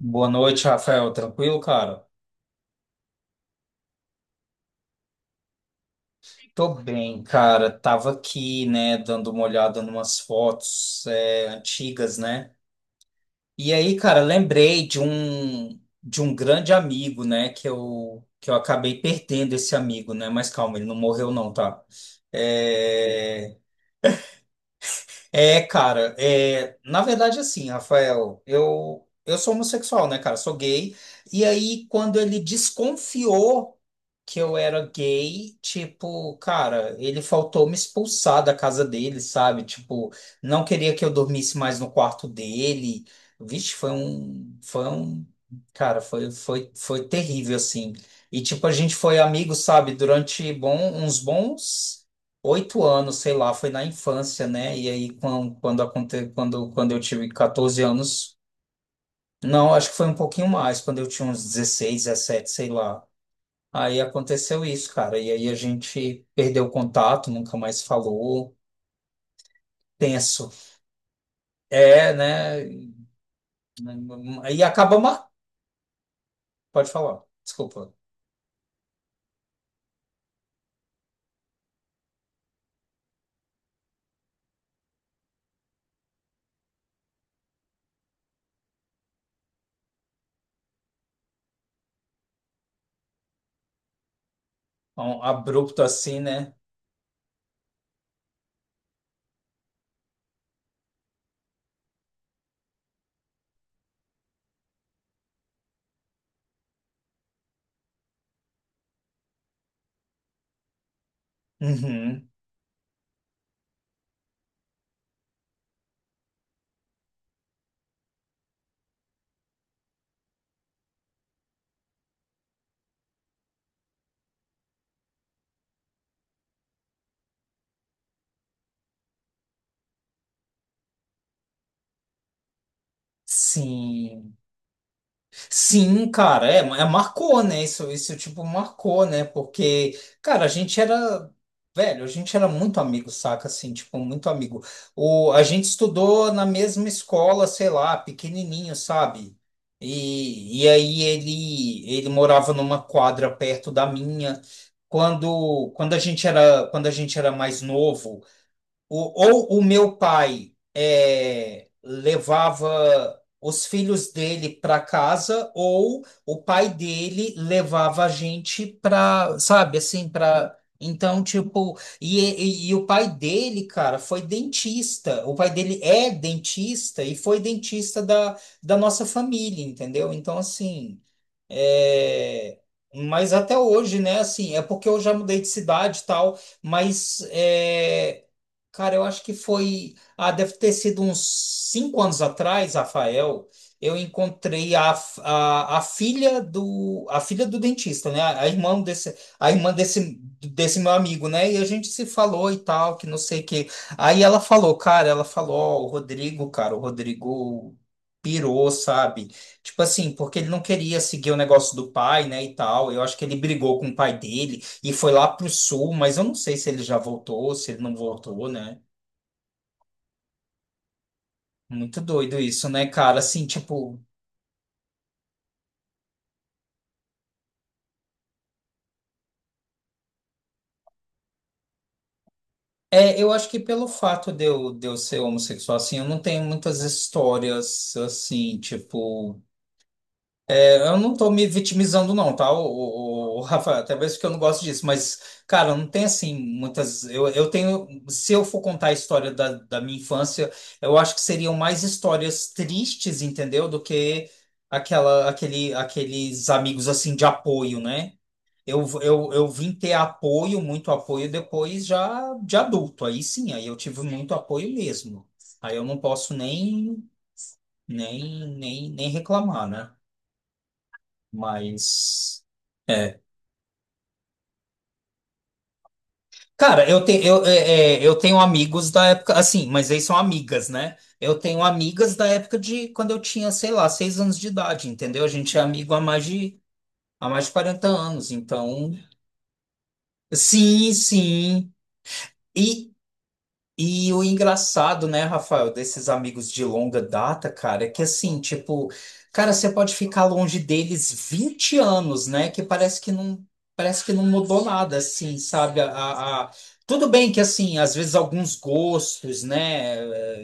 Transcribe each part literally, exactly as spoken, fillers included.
Boa noite, Rafael. Tranquilo, cara? Tô bem, cara. Tava aqui, né, dando uma olhada numas fotos, é, antigas, né? E aí, cara, lembrei de um de um grande amigo, né, que eu que eu acabei perdendo esse amigo, né? Mas calma, ele não morreu não, tá? É, É, cara, é, na verdade, assim, Rafael, eu, eu sou homossexual, né, cara? Sou gay. E aí, quando ele desconfiou que eu era gay, tipo, cara, ele faltou me expulsar da casa dele, sabe? Tipo, não queria que eu dormisse mais no quarto dele. Vixe, foi um, foi um, cara, foi, foi, foi terrível, assim. E, tipo, a gente foi amigo, sabe, durante bom, uns bons oito anos, sei lá, foi na infância, né? E aí, quando, quando, aconte- quando, quando eu tive quatorze anos, não, acho que foi um pouquinho mais, quando eu tinha uns dezesseis dezessete sei lá. Aí aconteceu isso, cara. E aí a gente perdeu o contato, nunca mais falou. Tenso. É, né? E acaba. Mar... Pode falar, desculpa. Um abrupto assim, né? Uhum. Sim. Sim, cara, é, é, marcou, né? Isso, isso, tipo, marcou, né? Porque, cara, a gente era, velho, a gente era muito amigo, saca? Assim, tipo, muito amigo. O, a gente estudou na mesma escola, sei lá, pequenininho, sabe? E, e aí ele, ele morava numa quadra perto da minha. Quando, quando a gente era, quando a gente era mais novo, o- ou o meu pai é, levava os filhos dele para casa, ou o pai dele levava a gente para, sabe, assim, para. Então, tipo, e, e, e o pai dele, cara, foi dentista. O pai dele é dentista e foi dentista da, da nossa família, entendeu? Então, assim. É, mas até hoje, né? Assim, é porque eu já mudei de cidade e tal, mas é, cara, eu acho que foi. Ah, deve ter sido uns cinco anos atrás, Rafael. Eu encontrei a, a, a filha do a filha do dentista, né? A, irmã desse a irmã desse desse meu amigo, né? E a gente se falou e tal, que não sei o que. Aí ela falou, cara, ela falou, ó, o Rodrigo, cara, o Rodrigo pirou, sabe? Tipo assim, porque ele não queria seguir o negócio do pai, né, e tal. Eu acho que ele brigou com o pai dele e foi lá pro sul, mas eu não sei se ele já voltou, se ele não voltou, né? Muito doido isso, né, cara? Assim, tipo, é, eu acho que pelo fato de eu, de eu ser homossexual, assim, eu não tenho muitas histórias, assim, tipo. Eu não tô me vitimizando, não, tá, o, o, o Rafa? Até mesmo que eu não gosto disso, mas, cara, não tem assim muitas. Eu, eu tenho. Se eu for contar a história da, da minha infância, eu acho que seriam mais histórias tristes, entendeu? Do que aquela, aquele, aqueles amigos assim de apoio, né? Eu, eu, eu vim ter apoio, muito apoio depois já de adulto. Aí sim, aí eu tive muito apoio mesmo. Aí eu não posso nem, nem, nem, nem reclamar, né? Mas. É. Cara, eu, te, eu, é, é, eu tenho amigos da época, assim, mas eles são amigas, né? Eu tenho amigas da época de quando eu tinha, sei lá, seis anos de idade, entendeu? A gente é amigo há mais de, há mais de quarenta anos, então. Sim, sim. e E o engraçado, né, Rafael, desses amigos de longa data, cara, é que assim, tipo, cara, você pode ficar longe deles vinte anos, né, que parece que não, parece que não mudou nada, assim, sabe? A, a- a- Tudo bem que, assim, às vezes alguns gostos, né,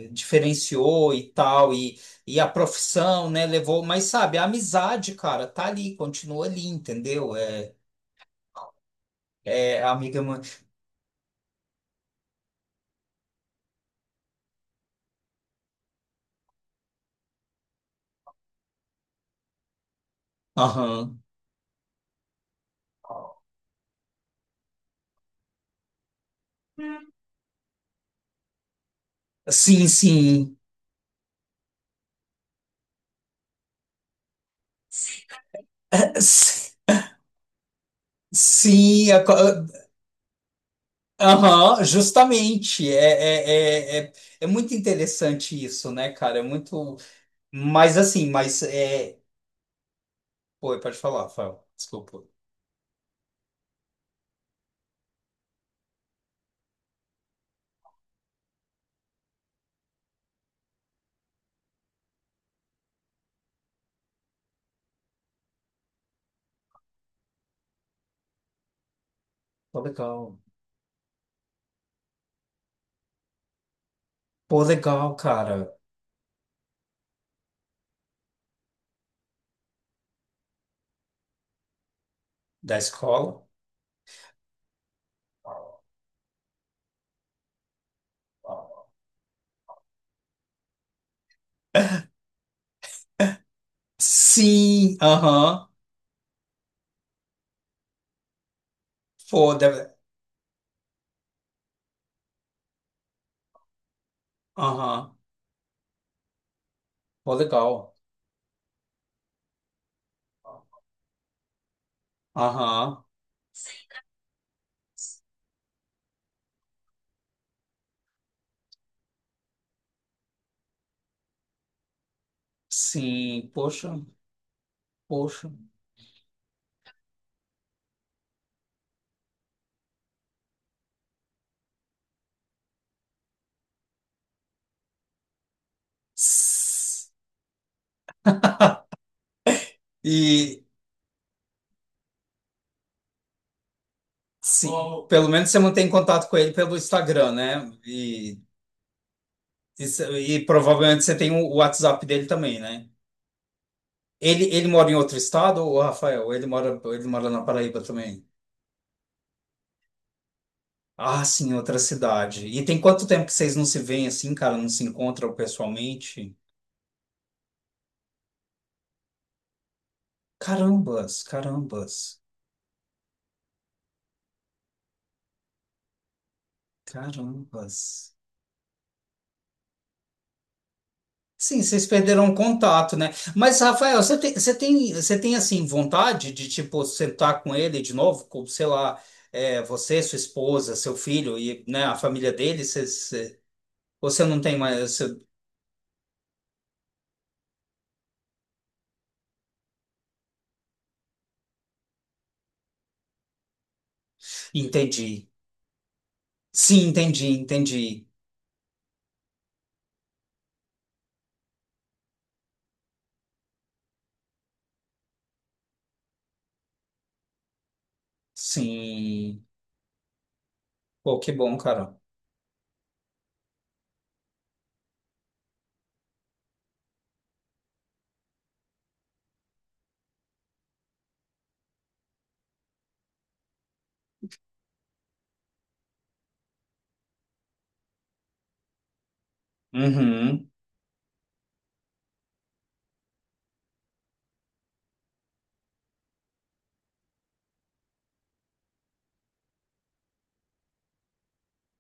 eh, diferenciou e tal, e, e a profissão, né, levou, mas sabe, a amizade, cara, tá ali, continua ali, entendeu? É, é a amiga. ma- Aham. Sim, sim. Sim, é co- Aham, justamente. É, é, é, é, é muito interessante isso, né, cara? É muito. Mas assim, mas é. Pô, pode falar, Fábio. Desculpa. Pô, legal. Pô, legal, cara. Da escola. Sim, aham. Pô, deve. Aham. Pô, legal. Aham. Sim, poxa, poxa. S- E sim, pelo menos você mantém contato com ele pelo Instagram, né? Isso- e provavelmente você tem o WhatsApp dele também, né? Ele, ele mora em outro estado, o Rafael? Ele mora, ele mora na Paraíba também? Ah, sim, outra cidade. E tem quanto tempo que vocês não se veem assim, cara? Não se encontram pessoalmente? Carambas, carambas, carambas. Sim, vocês perderam o contato, né? Mas, Rafael, você tem, você tem, você tem assim, vontade de, tipo, sentar com ele de novo? Com, sei lá, é, você, sua esposa, seu filho e, né, a família dele? Vocês. Você não tem mais. você- Entendi. Sim, entendi, entendi. Sim. Pô, que bom, cara. Uhum.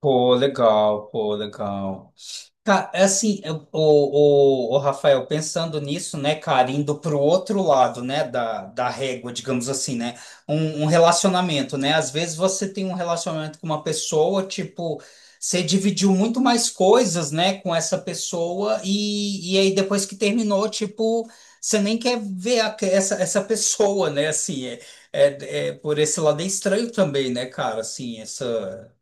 Pô, legal, pô, legal. Ca- é Assim, eu- o, o, o Rafael, pensando nisso, né, cara, indo pro outro lado, né, da, da régua, digamos assim, né, um, um relacionamento, né, às vezes você tem um relacionamento com uma pessoa, tipo, você dividiu muito mais coisas, né, com essa pessoa e, e aí depois que terminou, tipo, você nem quer ver a- essa, essa pessoa, né, assim, é, é, é- por esse lado é estranho também, né, cara, assim, essa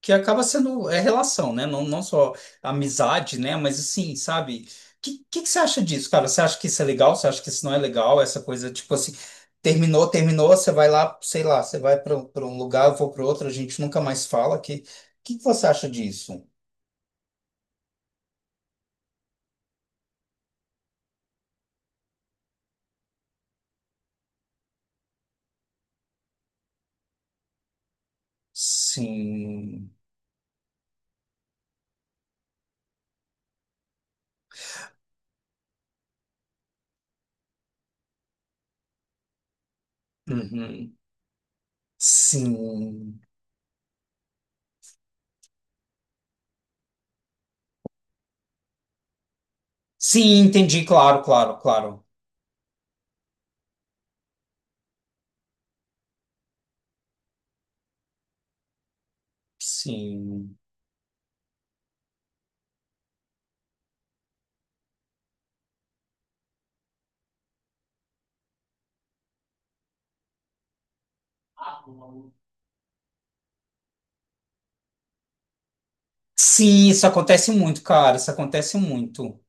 que acaba sendo é relação, né? Não, não só amizade, né? Mas assim, sabe? O que, que, que você acha disso, cara? Você acha que isso é legal? Você acha que isso não é legal? Essa coisa, tipo assim, terminou, terminou, você vai lá, sei lá, você vai para um lugar, eu vou para outro, a gente nunca mais fala. Que, que, que você acha disso? Sim. Uhum. Sim. Sim, entendi, claro, claro, claro. Sim. Sim, isso acontece muito, cara. Isso acontece muito.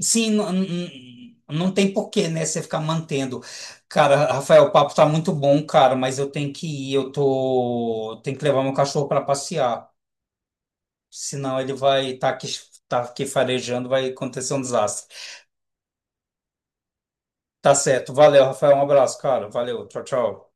Sim, não, não tem porquê, né? Você ficar mantendo. Cara, Rafael, o papo tá muito bom, cara, mas eu tenho que ir. Eu tô. Tenho que levar meu cachorro para passear. Senão ele vai estar aqui, tá aqui farejando, vai acontecer um desastre. Tá certo. Valeu, Rafael. Um abraço, cara. Valeu. Tchau, tchau.